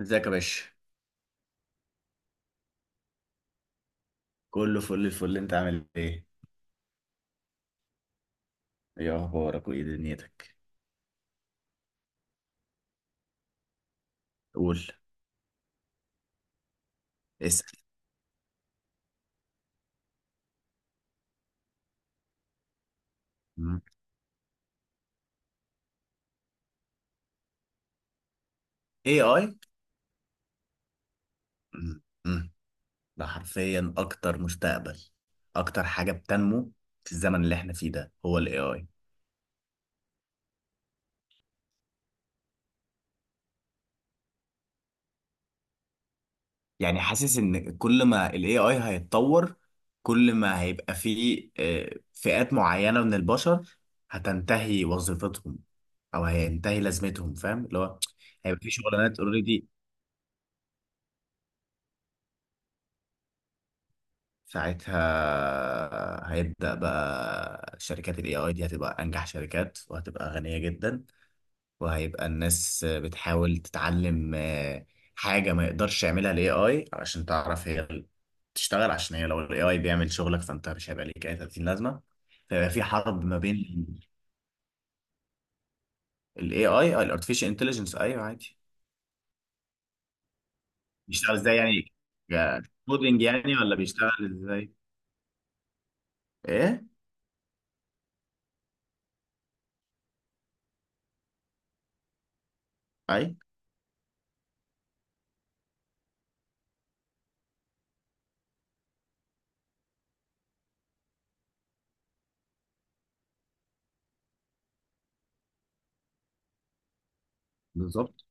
ازيك يا باشا؟ كله فل الفل، انت عامل ايه؟ ايه اخبارك وايه دنيتك؟ قول، اسال. مم. اي اي. مم. مم. ده حرفيا اكتر مستقبل، اكتر حاجه بتنمو في الزمن اللي احنا فيه ده هو الاي اي. يعني حاسس ان كل ما الاي اي هيتطور، كل ما هيبقى فيه فئات معينه من البشر هتنتهي وظيفتهم او هينتهي لازمتهم، فاهم اللي هو هيبقى في شغلانات اوريدي. ساعتها هيبدأ بقى شركات ال AI دي هتبقى أنجح شركات وهتبقى غنية جدا، وهيبقى الناس بتحاول تتعلم حاجة ما يقدرش يعملها ال AI علشان تعرف هي تشتغل. عشان هي لو ال AI بيعمل شغلك فأنت مش هيبقى ليك أي 30 لازمة. فيبقى في حرب ما بين ال AI. ال Artificial Intelligence، أيوه عادي. بيشتغل إزاي يعني؟ كودينج يعني ولا بيشتغل إزاي؟ إيه؟ أي. بالظبط.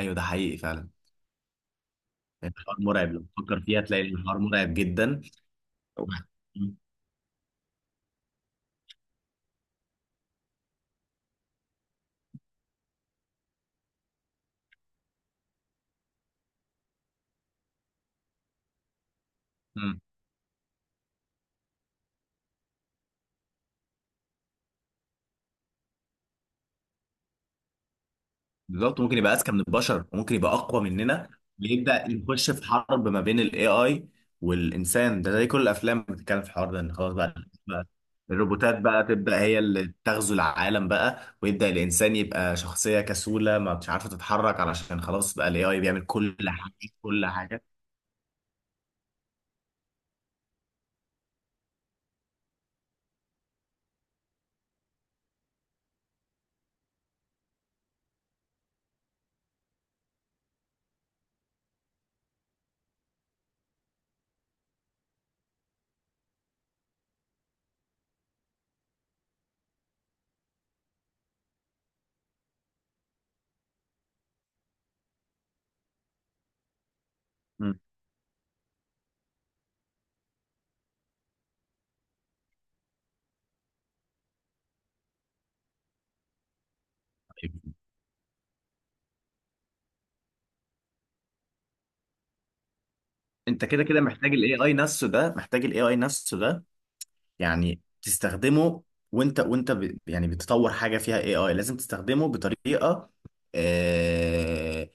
أيوه ده حقيقي فعلا. الحوار مرعب، لو تفكر فيها تلاقي الحوار مرعب جدا. مم. بالظبط، ممكن يبقى اذكى من البشر وممكن يبقى اقوى مننا. ويبدا يخش في حرب ما بين الاي اي والانسان، ده زي كل الافلام بتتكلم في الحوار ده ان خلاص بقى. بقى الروبوتات بقى تبدا هي اللي تغزو العالم بقى، ويبدا الانسان يبقى شخصيه كسوله ما مش عارفه تتحرك، علشان خلاص بقى الاي اي بيعمل كل حاجه. كل حاجه. مم. انت كده كده محتاج الاي اي نفسه ده، يعني تستخدمه. وانت ب... يعني بتطور حاجه فيها اي اي لازم تستخدمه بطريقه آه...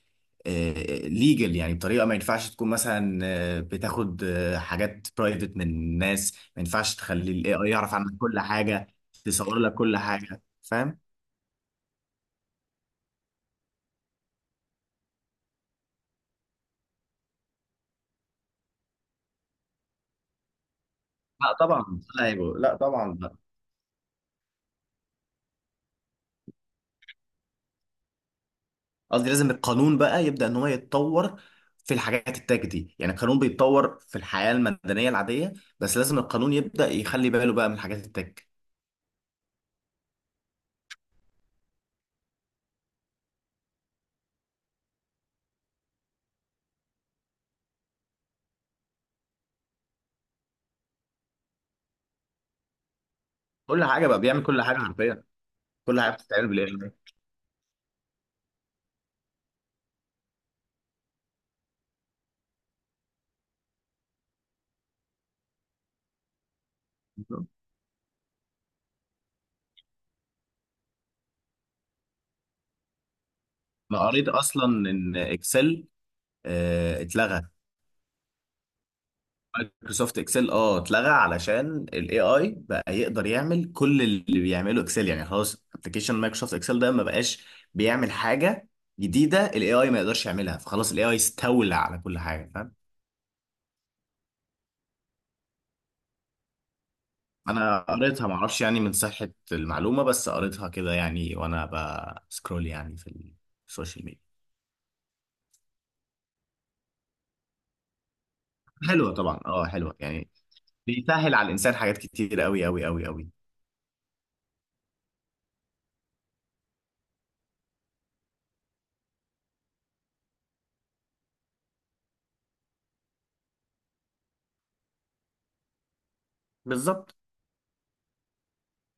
ليجل، يعني بطريقه ما ينفعش تكون مثلا بتاخد حاجات برايفت من الناس. ما ينفعش تخلي الاي اي يعرف عنك كل حاجه، تصور لك كل حاجه، فاهم. لا طبعا، لا طبعا. قصدي لازم القانون بقى يبدأ ان هو يتطور في الحاجات التاج دي. يعني القانون بيتطور في الحياة المدنية العادية، بس لازم القانون يبدأ يخلي باله بقى من الحاجات التاج. كل حاجة بقى، بيعمل كل حاجة حرفيا، كل حاجة بتتعمل بالاي اي. انا قريت اصلا ان اكسل اتلغى. مايكروسوفت اكسل اه اتلغى، علشان الاي اي بقى يقدر يعمل كل اللي بيعمله اكسل. يعني خلاص ابلكيشن مايكروسوفت اكسل ده ما بقاش بيعمل حاجة جديدة الاي اي ما يقدرش يعملها، فخلاص الاي اي استولى على كل حاجة، فاهم. انا قريتها، معرفش يعني من صحة المعلومة، بس قريتها كده يعني وانا بسكرول يعني في السوشيال ميديا. حلوة طبعا، اه حلوة يعني، بيسهل على الانسان حاجات كتير قوي قوي قوي قوي. بالظبط.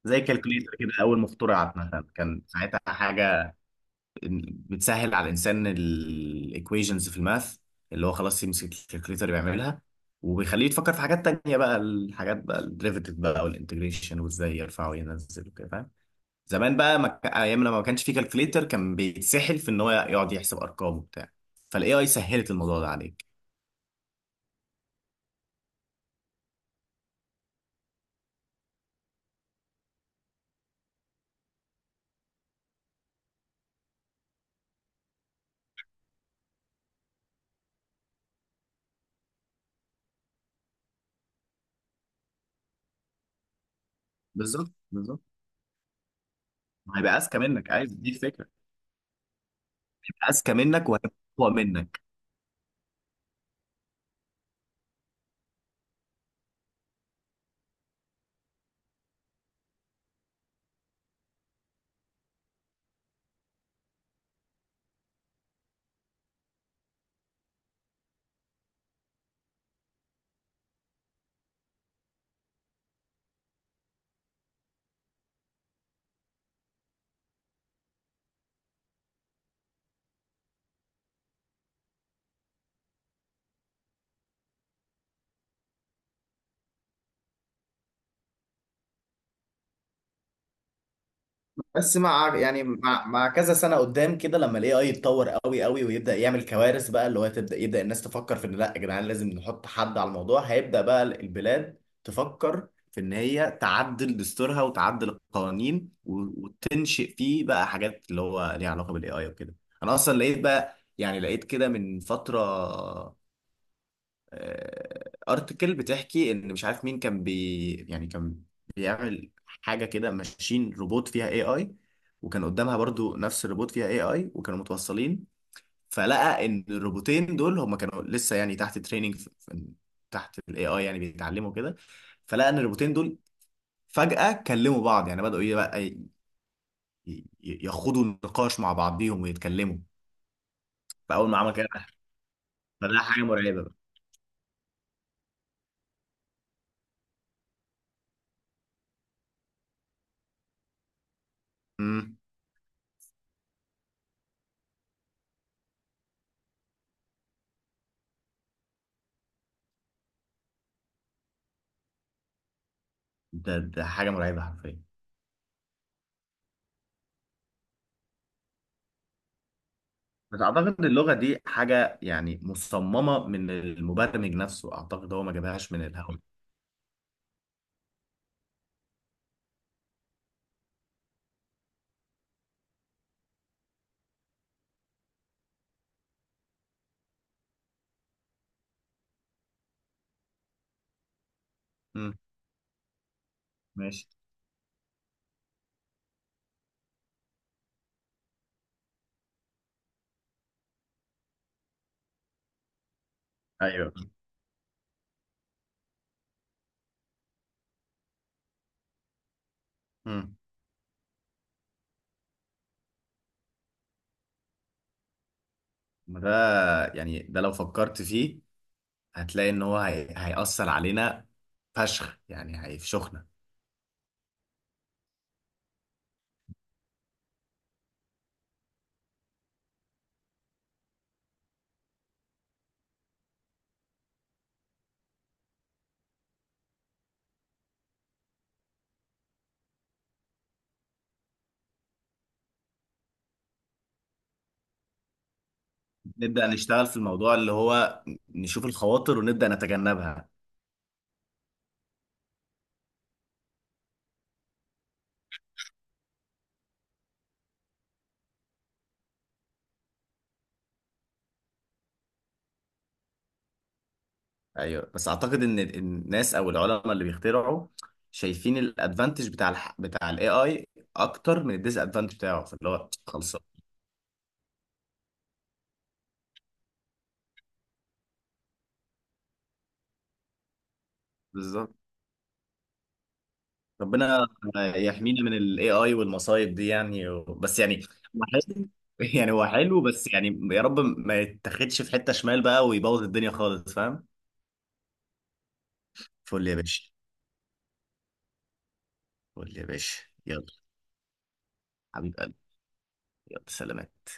زي كالكوليتر كده، اول ما اخترعت مثلا كان ساعتها حاجة بتسهل على الانسان الايكويشنز في الماث. اللي هو خلاص يمسك الكالكوليتر بيعملها، وبيخليه يتفكر في حاجات تانية بقى، الحاجات بقى الديريفيتيف بقى والانتجريشن وازاي يرفع وينزل وكده، فاهم. زمان بقى ما ك- ايام لما ما كانش في كالكوليتر كان بيتسحل في ان هو يقعد يحسب ارقام وبتاع. فالاي اي سهلت الموضوع ده عليك. بالظبط بالظبط، هيبقى اذكى منك، عايز دي الفكره. هيبقى اذكى منك وهيبقى اقوى منك. بس مع يعني مع كذا سنه قدام كده، لما الاي اي يتطور قوي قوي ويبدا يعمل كوارث بقى، اللي هو يبدا الناس تفكر في ان لا يا جدعان لازم نحط حد على الموضوع. هيبدا بقى البلاد تفكر في ان هي تعدل دستورها وتعدل القوانين وتنشئ فيه بقى حاجات اللي هو ليها علاقه بالاي اي وكده. انا اصلا لقيت بقى، يعني لقيت كده من فتره ارتكل بتحكي ان مش عارف مين كان بي، يعني كان بيعمل حاجه كده، ماشين روبوت فيها اي اي وكان قدامها برضو نفس الروبوت فيها اي اي، وكانوا متوصلين. فلقى ان الروبوتين دول هم كانوا لسه يعني تحت تريننج، تحت الاي اي يعني بيتعلموا كده. فلقى ان الروبوتين دول فجأة كلموا بعض، يعني بدأوا ايه بقى يخوضوا نقاش مع بعضيهم ويتكلموا. فأول ما عمل كده، فده حاجة مرعبة بقى. مم. ده حاجة مرعبة حرفيا. بس اعتقد اللغه دي حاجه يعني مصممه من المبرمج نفسه، اعتقد هو ما جابهاش من الهوا. امم، ماشي، ايوه، امم. ده يعني ده لو فكرت فيه هتلاقي ان هو هيأثر علينا فشخ، يعني هيفشخنا. نبدأ نشتغل في الموضوع، اللي هو نشوف الخواطر ونبدأ نتجنبها. ايوه، بس اعتقد ان الناس او العلماء اللي بيخترعوا شايفين الادفانتج بتاع بتاع الاي اي اكتر من الديس ادفانتج بتاعه، فاللي هو خلصان. بالظبط. ربنا يحمينا من الاي اي والمصايب دي يعني، بس يعني هو حلو. يعني هو حلو بس، يعني يا رب ما يتاخدش في حتة شمال بقى ويبوظ الدنيا خالص، فاهم. فل يا باشا، فل يا باشا، يلا. حبيب قلبي، يلا، سلامات.